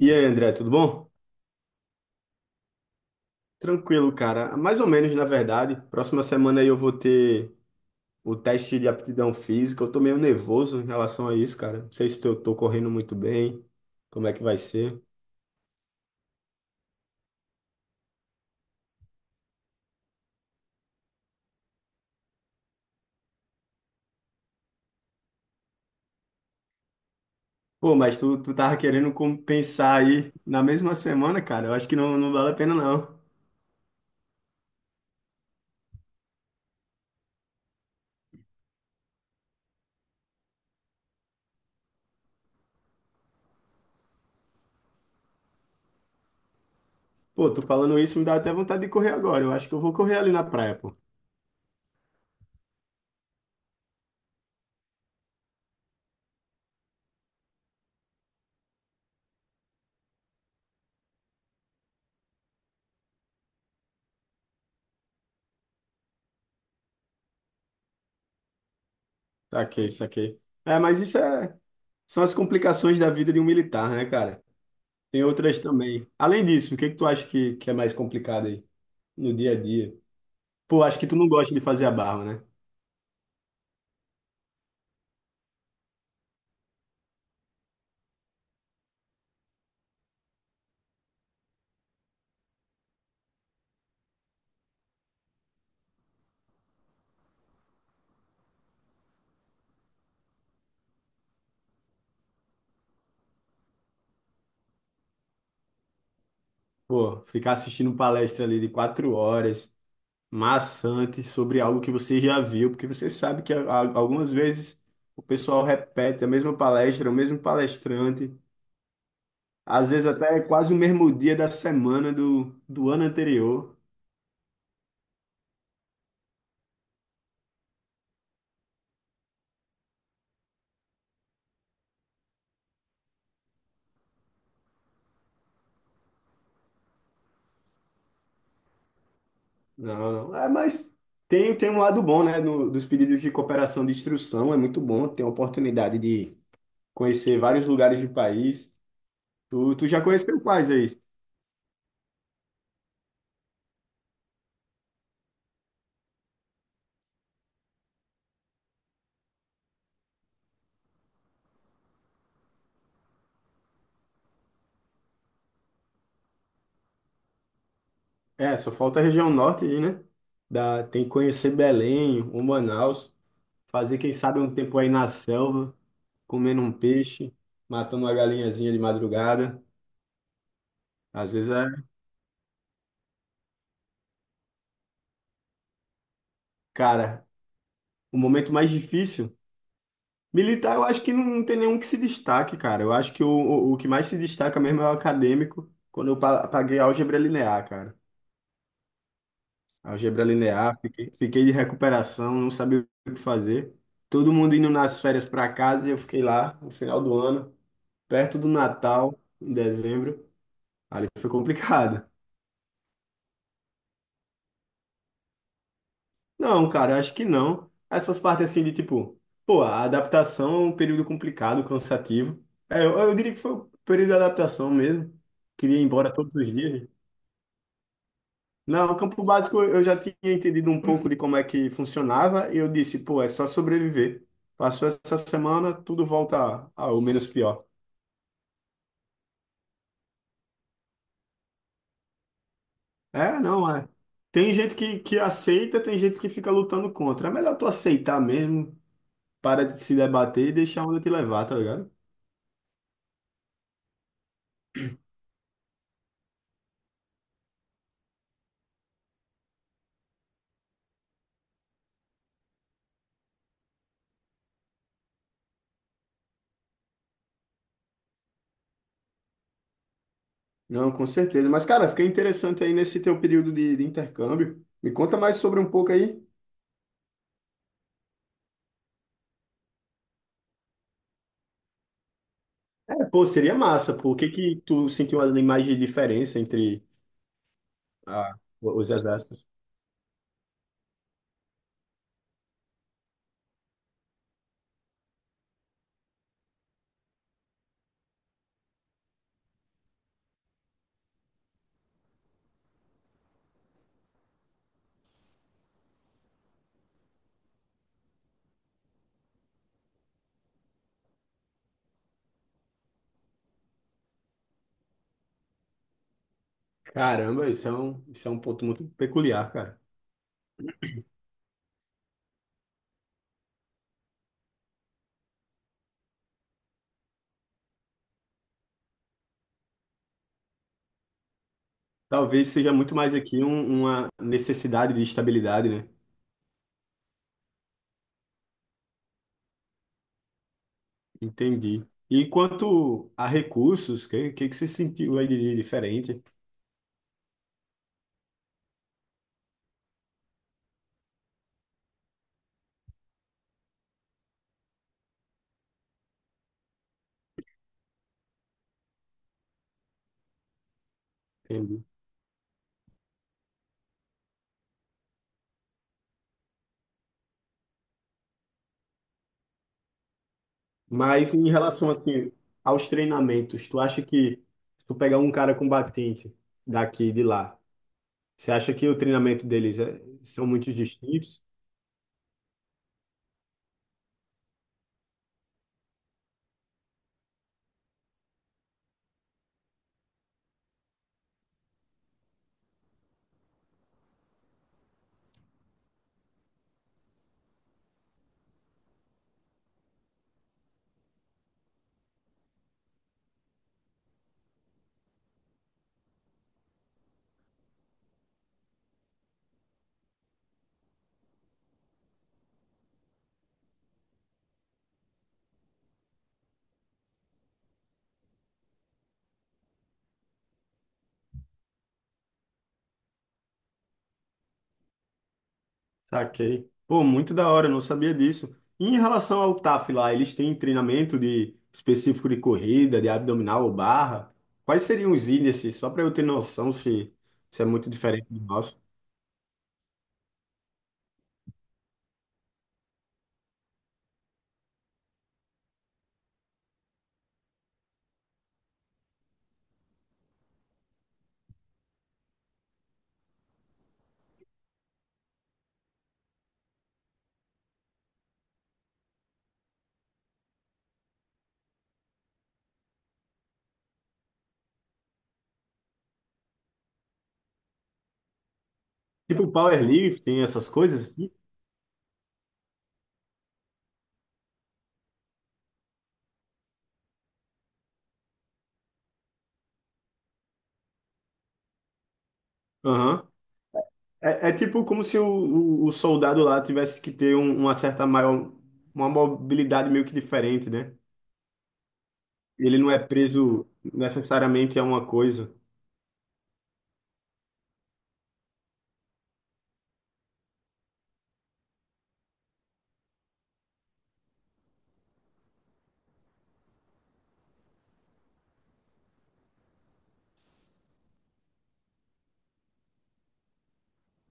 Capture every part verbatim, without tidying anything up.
E aí, André, tudo bom? Tranquilo, cara. Mais ou menos, na verdade. Próxima semana aí eu vou ter o teste de aptidão física. Eu tô meio nervoso em relação a isso, cara. Não sei se eu tô correndo muito bem, como é que vai ser. Pô, mas tu, tu tava querendo compensar aí na mesma semana, cara. Eu acho que não, não vale a pena, não. Pô, tô falando isso, me dá até vontade de correr agora. Eu acho que eu vou correr ali na praia, pô. Saquei, saquei. É, mas isso é São as complicações da vida de um militar, né, cara? Tem outras também. Além disso, o que que tu acha que, que é mais complicado aí no dia a dia? Pô, acho que tu não gosta de fazer a barba, né? Pô, ficar assistindo palestra ali de quatro horas, maçante, sobre algo que você já viu, porque você sabe que a- a- algumas vezes o pessoal repete a mesma palestra, o mesmo palestrante, às vezes até quase o mesmo dia da semana do, do ano anterior. Não, não. É, mas tem, tem um lado bom, né? No dos pedidos de cooperação de instrução, é muito bom, tem a oportunidade de conhecer vários lugares do país. Tu, tu já conheceu quais aí? É, só falta a região norte aí, né? Dá, tem que conhecer Belém, o Manaus, fazer, quem sabe, um tempo aí na selva, comendo um peixe, matando uma galinhazinha de madrugada. Às vezes é, cara, o momento mais difícil. Militar, eu acho que não tem nenhum que se destaque, cara. Eu acho que o, o, o que mais se destaca mesmo é o acadêmico, quando eu pa- paguei álgebra linear, cara. Algebra linear, fiquei, fiquei de recuperação, não sabia o que fazer. Todo mundo indo nas férias para casa e eu fiquei lá no final do ano, perto do Natal, em dezembro. Ali foi complicado. Não, cara, eu acho que não. Essas partes assim de tipo, pô, a adaptação é um período complicado, cansativo. É, eu, eu diria que foi o período de adaptação mesmo. Queria ir embora todos os dias. Não, o campo básico eu já tinha entendido um pouco de como é que funcionava e eu disse, pô, é só sobreviver. Passou essa semana, tudo volta ao menos pior. É, não, é. Tem gente que, que aceita, tem gente que fica lutando contra. É melhor tu aceitar mesmo, para de se debater e deixar a onda te levar, tá ligado? Não, com certeza. Mas, cara, fiquei interessante aí nesse teu período de, de intercâmbio. Me conta mais sobre um pouco aí. É, pô, seria massa, pô. O que que tu sentiu ali mais de diferença entre ah, os exércitos? Caramba, isso é um, isso é um ponto muito peculiar, cara. Talvez seja muito mais aqui um- uma necessidade de estabilidade, né? Entendi. E quanto a recursos, o que, que, que você sentiu aí de diferente? Entendi. Mas em relação, assim, aos treinamentos, tu acha que se tu pegar um cara combatente daqui e de lá, você acha que o treinamento deles é- são muito distintos? Saquei. Pô, muito da hora, eu não sabia disso. E em relação ao T A F lá, eles têm treinamento de específico de corrida, de abdominal ou barra? Quais seriam os índices, só para eu ter noção se se é muito diferente do nosso? Tipo powerlifting, essas coisas assim? Aham. É, é tipo como se o, o, o soldado lá tivesse que ter um- uma certa maior, uma mobilidade meio que diferente, né? Ele não é preso necessariamente a uma coisa.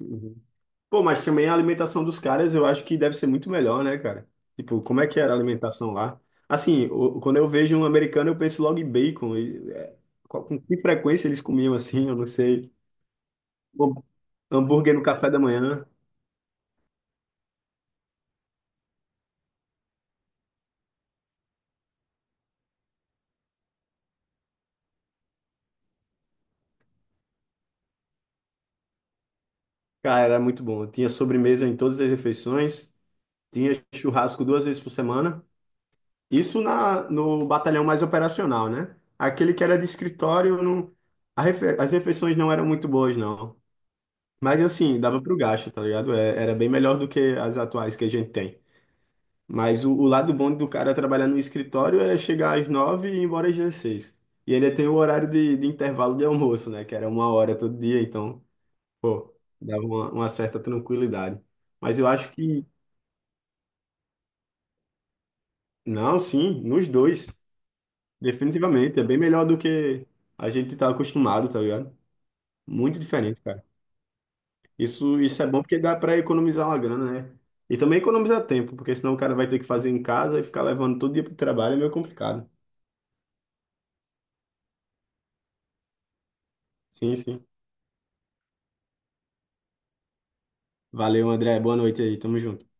Uhum. Pô, mas também a alimentação dos caras eu acho que deve ser muito melhor, né, cara? Tipo, como é que era a alimentação lá? Assim, o- quando eu vejo um americano, eu penso logo em bacon. E, é, qual- com que frequência eles comiam assim? Eu não sei. Hum, hambúrguer no café da manhã. Cara, era muito bom. Tinha sobremesa em todas as refeições. Tinha churrasco duas vezes por semana. Isso na, no batalhão mais operacional, né? Aquele que era de escritório, não, a refe- as refeições não eram muito boas, não. Mas assim, dava pro gasto, tá ligado? É- era bem melhor do que as atuais que a gente tem. Mas o, o lado bom do cara trabalhar no escritório é chegar às nove e ir embora às dezesseis. E ainda tem o horário de, de intervalo de almoço, né? Que era uma hora todo dia, então, pô, dava uma, uma certa tranquilidade. Mas eu acho que, não, sim, nos dois, definitivamente. É bem melhor do que a gente tá acostumado, tá ligado? Muito diferente, cara. Isso, isso é bom porque dá para economizar uma grana, né? E também economizar tempo, porque senão o cara vai ter que fazer em casa e ficar levando todo dia para o trabalho é meio complicado. Sim, sim. Valeu, André. Boa noite aí. Tamo junto.